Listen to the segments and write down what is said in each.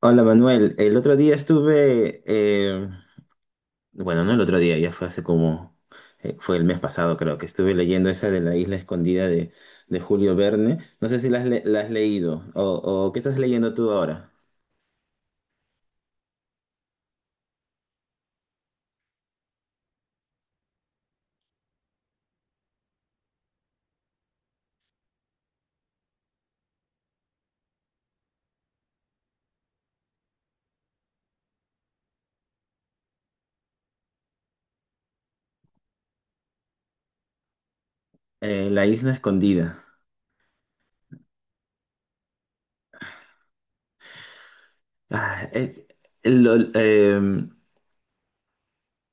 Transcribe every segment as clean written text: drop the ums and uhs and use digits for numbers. Hola Manuel, el otro día estuve, bueno, no el otro día, ya fue fue el mes pasado creo que estuve leyendo esa de la isla escondida de Julio Verne. No sé si la has leído o qué estás leyendo tú ahora. La isla escondida. Ah, es, lo- eh,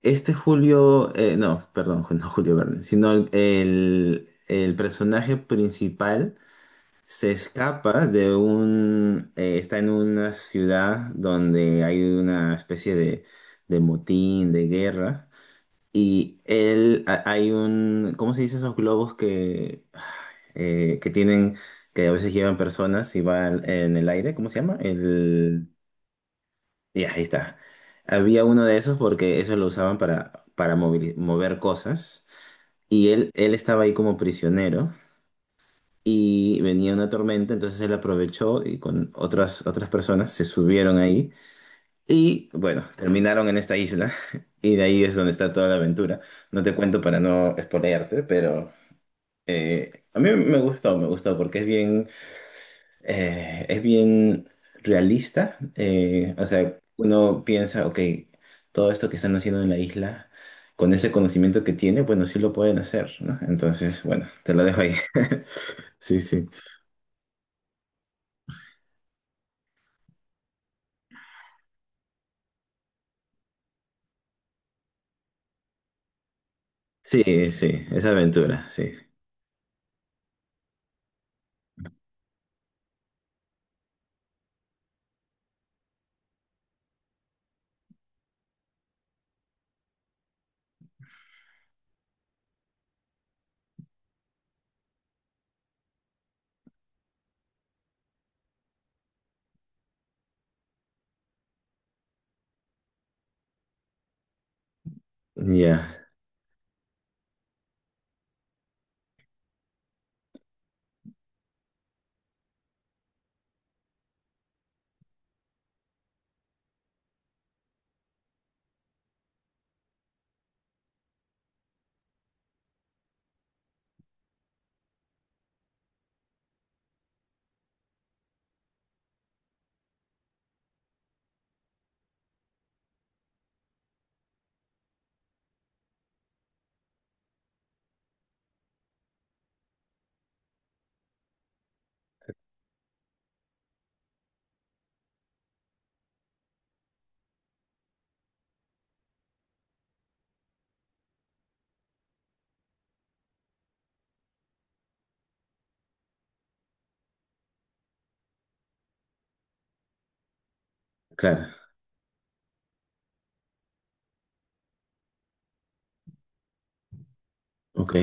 este Julio, no, perdón, no Julio Verne, sino el personaje principal. Se escapa de un... está en una ciudad donde hay una especie de motín, de guerra. Y él, hay un... ¿Cómo se dice esos globos que tienen, que a veces llevan personas y van en el aire? ¿Cómo se llama? El... Ya, ahí está. Había uno de esos porque eso lo usaban para mover cosas. Y él estaba ahí como prisionero y venía una tormenta, entonces él aprovechó y con otras personas se subieron ahí y bueno, terminaron en esta isla y de ahí es donde está toda la aventura. No te cuento para no spoilearte, pero a mí me gustó porque es es bien realista, o sea, uno piensa, ok, todo esto que están haciendo en la isla. Con ese conocimiento que tiene, bueno, sí lo pueden hacer, ¿no? Entonces, bueno, te lo dejo ahí. Sí, sí. Sí, sí, es aventura, sí. Ya, claro, ok.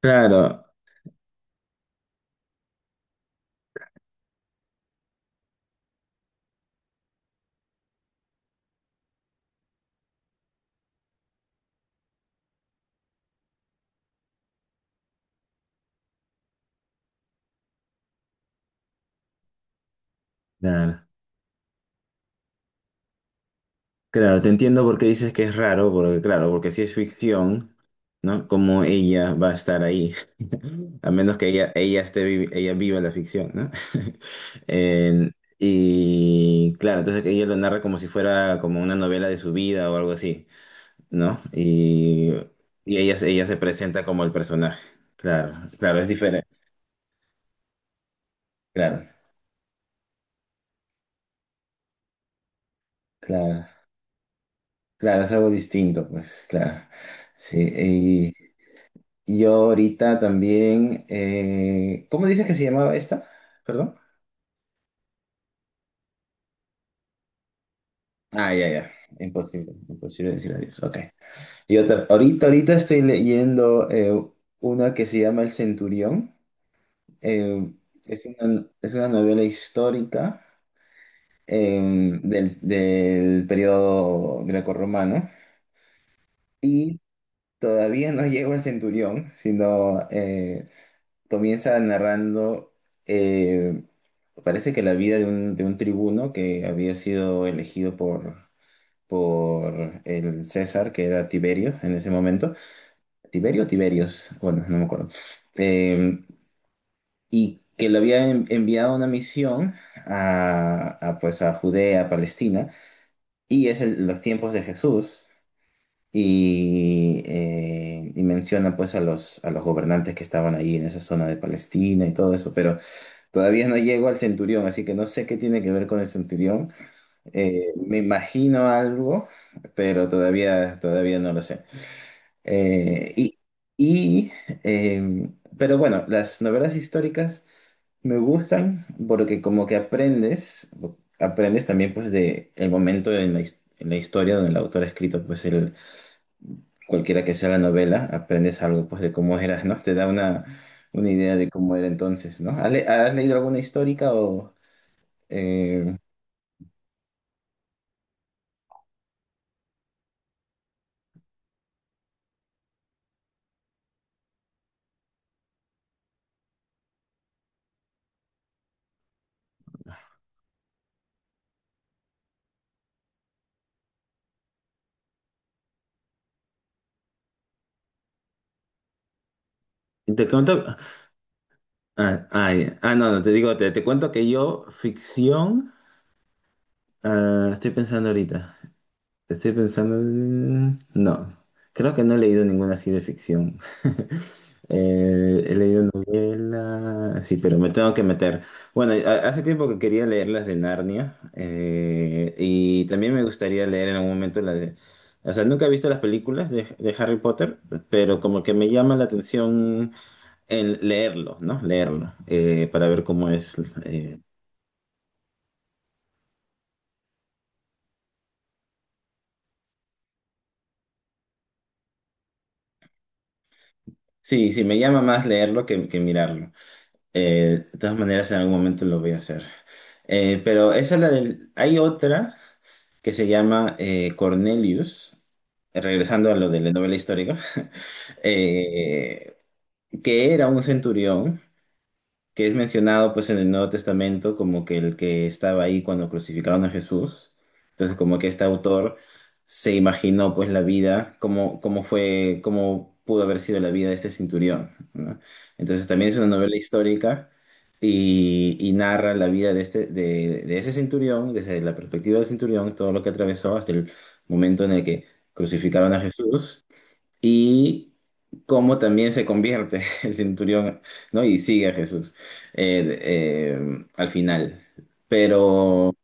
Claro, claro, claro, te entiendo por qué dices que es raro, porque claro, porque si es ficción, ¿no? Como ella va a estar ahí, a menos que ella esté, ella viva la ficción, ¿no? Y claro, entonces ella lo narra como si fuera como una novela de su vida o algo así, ¿no? Y ella se presenta como el personaje. Claro, claro, es diferente. Claro, claro. Claro, es algo distinto, pues claro. Sí, y yo ahorita también, ¿cómo dices que se llamaba esta? Perdón. Ah, ya, ya. Imposible, imposible decir adiós. Ok. Ahorita estoy leyendo una que se llama El Centurión. Eh, es una, es una novela histórica del periodo grecorromano. Y todavía no llego al centurión, sino comienza narrando, eh, parece que la vida de un tribuno que había sido elegido por el César, que era Tiberio en ese momento. ¿Tiberio o Tiberios? Bueno, no me acuerdo. Eh, y que le había enviado una misión pues, a Judea, a Palestina, y es en los tiempos de Jesús. Y menciona pues a a los gobernantes que estaban ahí en esa zona de Palestina y todo eso, pero todavía no llego al Centurión, así que no sé qué tiene que ver con el Centurión. Me imagino algo, pero todavía no lo sé. Eh, y, y, eh, pero bueno, las novelas históricas me gustan porque como que aprendes, aprendes también pues de el momento en en la historia donde el autor ha escrito pues el, cualquiera que sea la novela, aprendes algo pues de cómo era, ¿no? Te da una idea de cómo era entonces, ¿no? Has leído alguna histórica o...? Eh, Te cuento. No, no, te digo, te cuento que yo, ficción, ah, estoy pensando ahorita. Estoy pensando. No, creo que no he leído ninguna así de ficción. He leído novela, sí, pero me tengo que meter. Bueno, hace tiempo que quería leer las de Narnia y también me gustaría leer en algún momento las de... O sea, nunca he visto las películas de Harry Potter, pero como que me llama la atención en leerlo, ¿no? Leerlo, para ver cómo es. eh, Sí, sí, me llama más leerlo que mirarlo. De todas maneras, en algún momento lo voy a hacer. Pero esa es la del... Hay otra que se llama Cornelius, regresando a lo de la novela histórica, eh, que era un centurión que es mencionado pues en el Nuevo Testamento como que el que estaba ahí cuando crucificaron a Jesús. Entonces como que este autor se imaginó pues la vida, cómo, cómo fue, cómo pudo haber sido la vida de este centurión, ¿no? Entonces también es una novela histórica y narra la vida de, este, de ese centurión, desde la perspectiva del centurión, todo lo que atravesó hasta el momento en el que crucificaron a Jesús y cómo también se convierte el centurión, ¿no? Y sigue a Jesús al final. Pero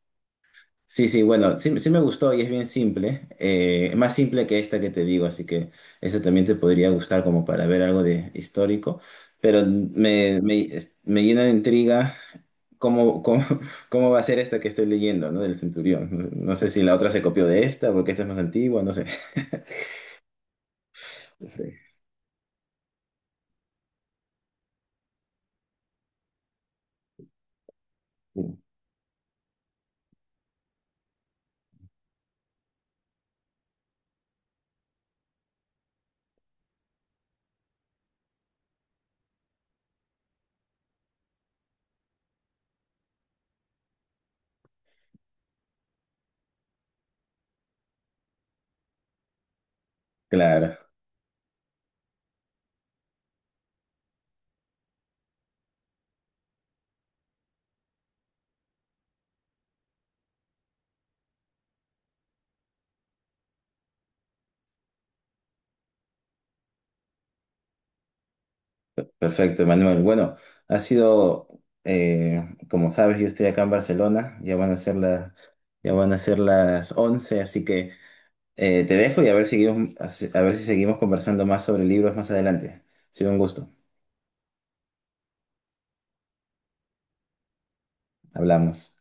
sí, sí, bueno, sí, sí me gustó y es bien simple, más simple que esta que te digo, así que esta también te podría gustar como para ver algo de histórico, pero me llena de intriga. ¿Cómo, cómo, cómo va a ser esta que estoy leyendo, ¿no? Del centurión. No sé si la otra se copió de esta, porque esta es más antigua, no sé. Sí. Claro. Perfecto, Manuel. Bueno, ha sido, como sabes, yo estoy acá en Barcelona, ya van a ser las 11, así que te dejo y a ver, a ver si seguimos conversando más sobre libros más adelante. Ha sido un gusto. Hablamos.